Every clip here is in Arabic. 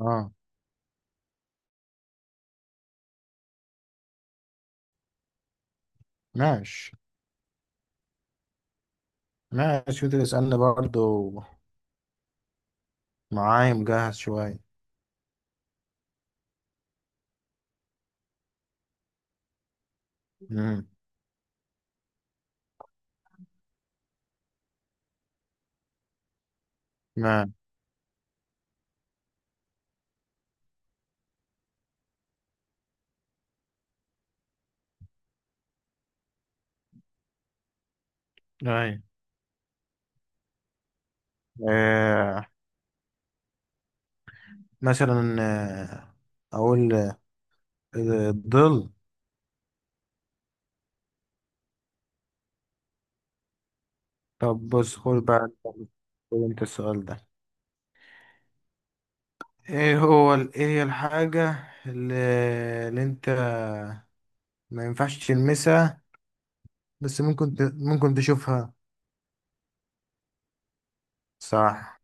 اه. ماشي ماشي، وده اسألني برضو. معايا مجهز شوية. امم ما ايوه. آه. مثلا. أقول الظل. طب، بص، خد بقى انت. خد أنت السؤال ده. ايه هي الحاجة اللي, اللي انت ما ينفعش تلمسها، بس ممكن تشوفها. صح.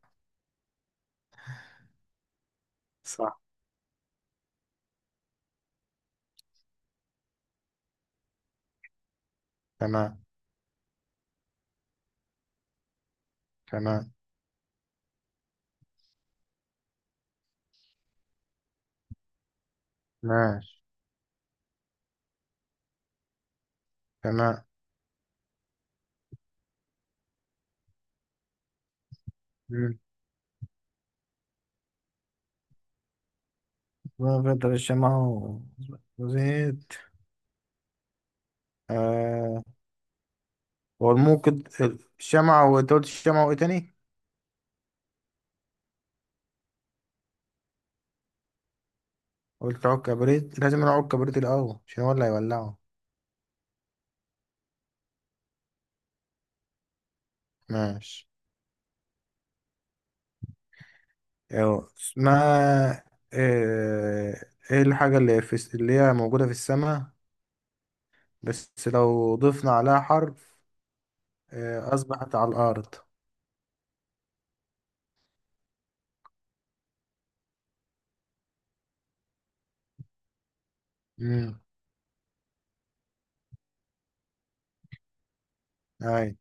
صح. تمام. تمام. ماشي. تمام. مم. وفترة الشمع وزيت آه والموقد. الشمعة، وانت قلت الشمعة وايه تاني؟ قلت عود كبريت. لازم نعود كبريت الأول عشان هو اللي هيولعه. ماشي. ايوه اسمها آه، ايه الحاجة اللي اللي هي موجودة في السماء، بس لو ضفنا عليها حرف أصبحت على الأرض. امم أي.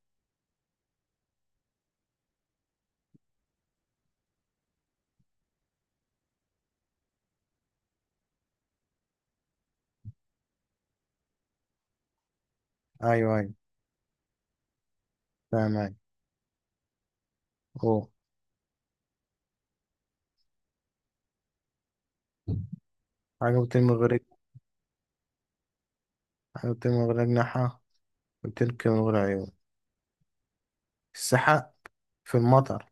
أيوه أيوه فاهم أيوه. أوه. حاجة بتنمو من غير حاجة بتنمو من غير أجنحة، وبتنكر من غير عيون. السحاب. في المطر.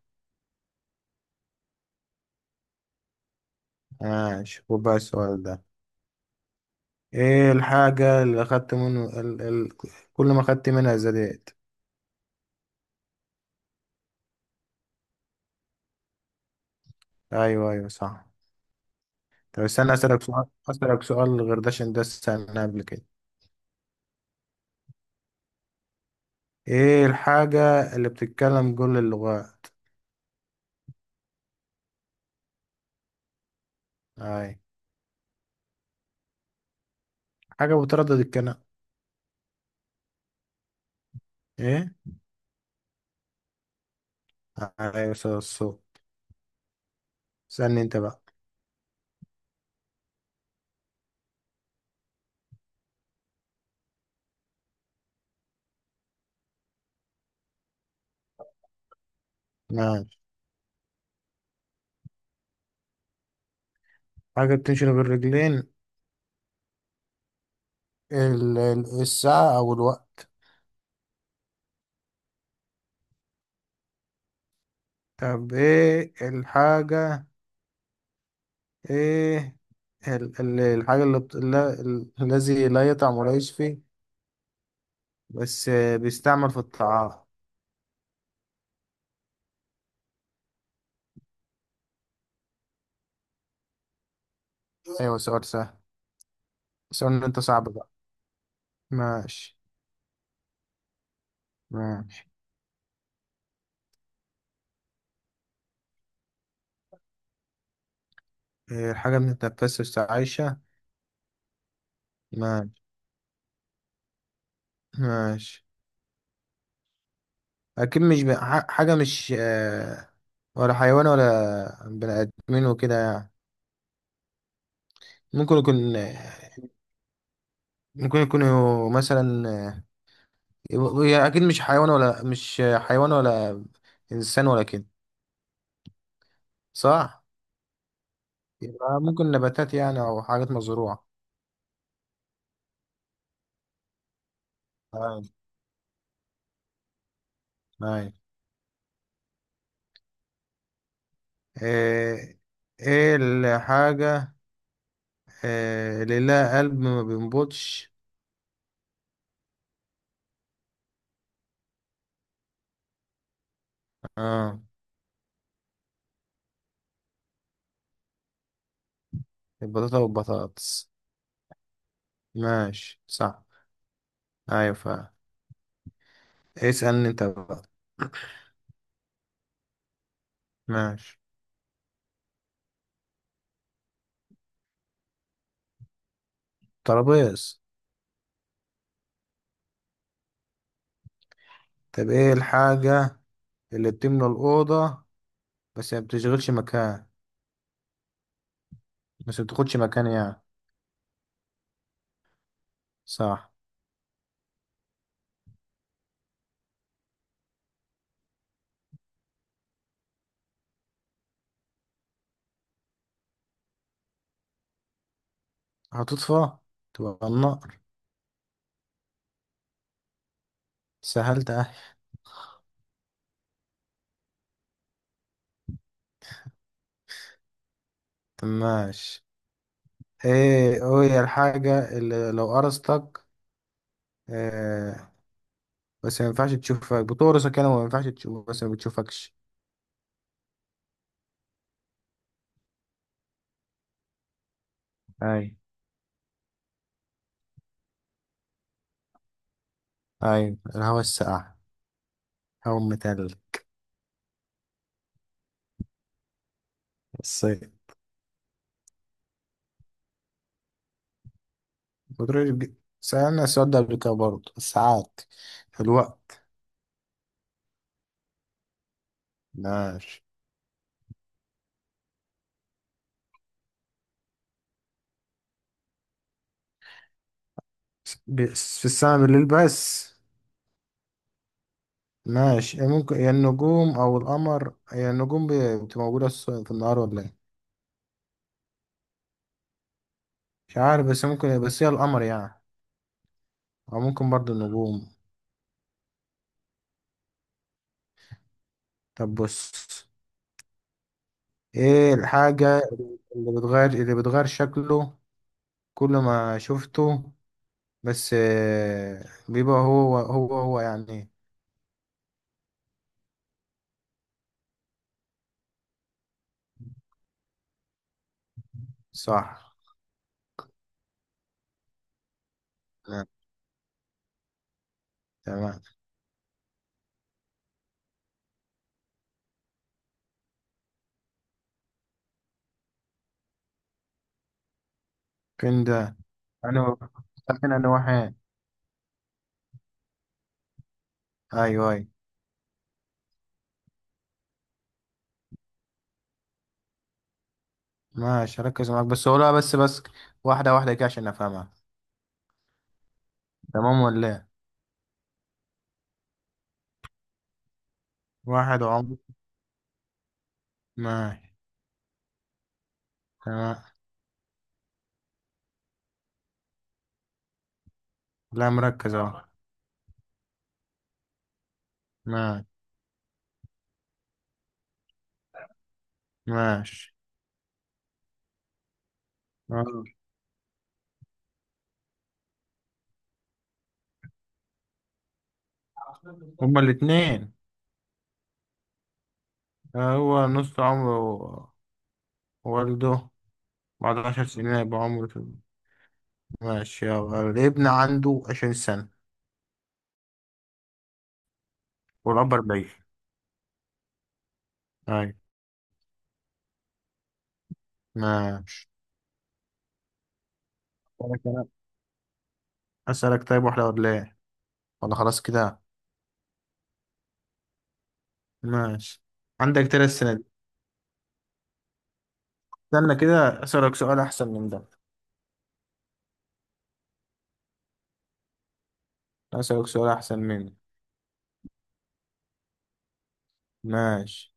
ماشي، وبقى السؤال ده. ايه الحاجة اللي اخدت منه كل ما اخدت منها زادت. ايوه ايوه صح. طب استنى، اسألك سؤال غير ده عشان ده سألناه قبل كده. ايه الحاجة اللي بتتكلم كل اللغات؟ اي. حاجة بتردد الكلام. ايه؟ ايوه صدى الصوت. استنى انت بقى. ماشي. حاجة بتمشي بالرجلين. الساعة او الوقت. طب ايه الحاجة؟ ايه الحاجة اللي بت... لا... ال- الذي لا يطعم ولا يشفي، بس بيستعمل في الطعام. ايوه، سؤال سهل. سؤال انت صعب بقى. ماشي. ماشي. الحاجة بنتنفسها بس عايشة. ماشي. ماشي. أكيد مش حاجة مش ولا حيوان ولا بني آدمين وكده يعني. ممكن يكون ممكن يكون مثلا هي أكيد مش حيوان، ولا مش حيوان، ولا إنسان ولا كده، صح؟ يبقى ممكن نباتات يعني، أو حاجات مزروعة. أيوة. أيوة. ايه إيه الحاجة؟ إيه اللي لها قلب ما بينبضش؟ اه، البطاطا والبطاطس. ماشي صح. ايوه فعلا. اسألني انت بقى. ماشي. ترابيز. طب ايه الحاجة اللي بتملى الأوضة، بس ما بتشغلش مكان، بس ما بتاخدش مكان يعني. صح. هتطفى. تبقى النار. سهلت اهي. طب ماشي. ايه هي الحاجة اللي لو قرصتك، بس ما ينفعش تشوفك بتقرصك يعني، وما ينفعش تشوف، بس ما بتشوفكش. اي. أيوة الهوا الساقع. هوا المتلج. الصيف. بتروح. سألنا السؤال ده قبل كده برضه، الساعات، الوقت. ماشي، بس في السماء بالليل بس. ماشي، إيه ممكن؟ يا النجوم أو القمر؟ يا النجوم بتبقى موجودة في النهار ولا إيه؟ مش عارف، بس ممكن، بس هي القمر يعني، أو ممكن برضه النجوم. طب بص. إيه الحاجة اللي بتغير شكله كل ما شفته، بس بيبقى هو هو هو يعني. صح. نعم. تمام. كان ده انا. لكن انا واحد. ايوه ايوه. ماشي، ركز معاك، بس قولها بس بس. واحدة واحدة كده عشان افهمها. تمام ولا ايه؟ واحد عمر. ماشي. تمام. لا، مركز اهو. ماشي. ماشي. آه. هما الاتنين. هو نص عمره والده. بعد 10 سنين هيبقى عمره. ماشي، يلا الابن عنده 20 سنة، والأب 40. أيوة. ماشي. أسألك أنا. أسألك، طيب واحدة ولا إيه؟ ولا خلاص كده. ماشي. عندك 3 سنين. استنى كده، أسألك سؤال أحسن من ده. أسألك سؤال أحسن منه. ماشي،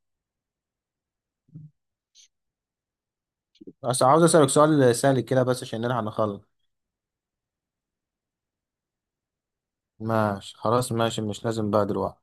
بس عاوز أسألك سؤال سهل كده بس عشان نلحق نخلص. ماشي خلاص، ماشي، مش لازم بقى دلوقتي.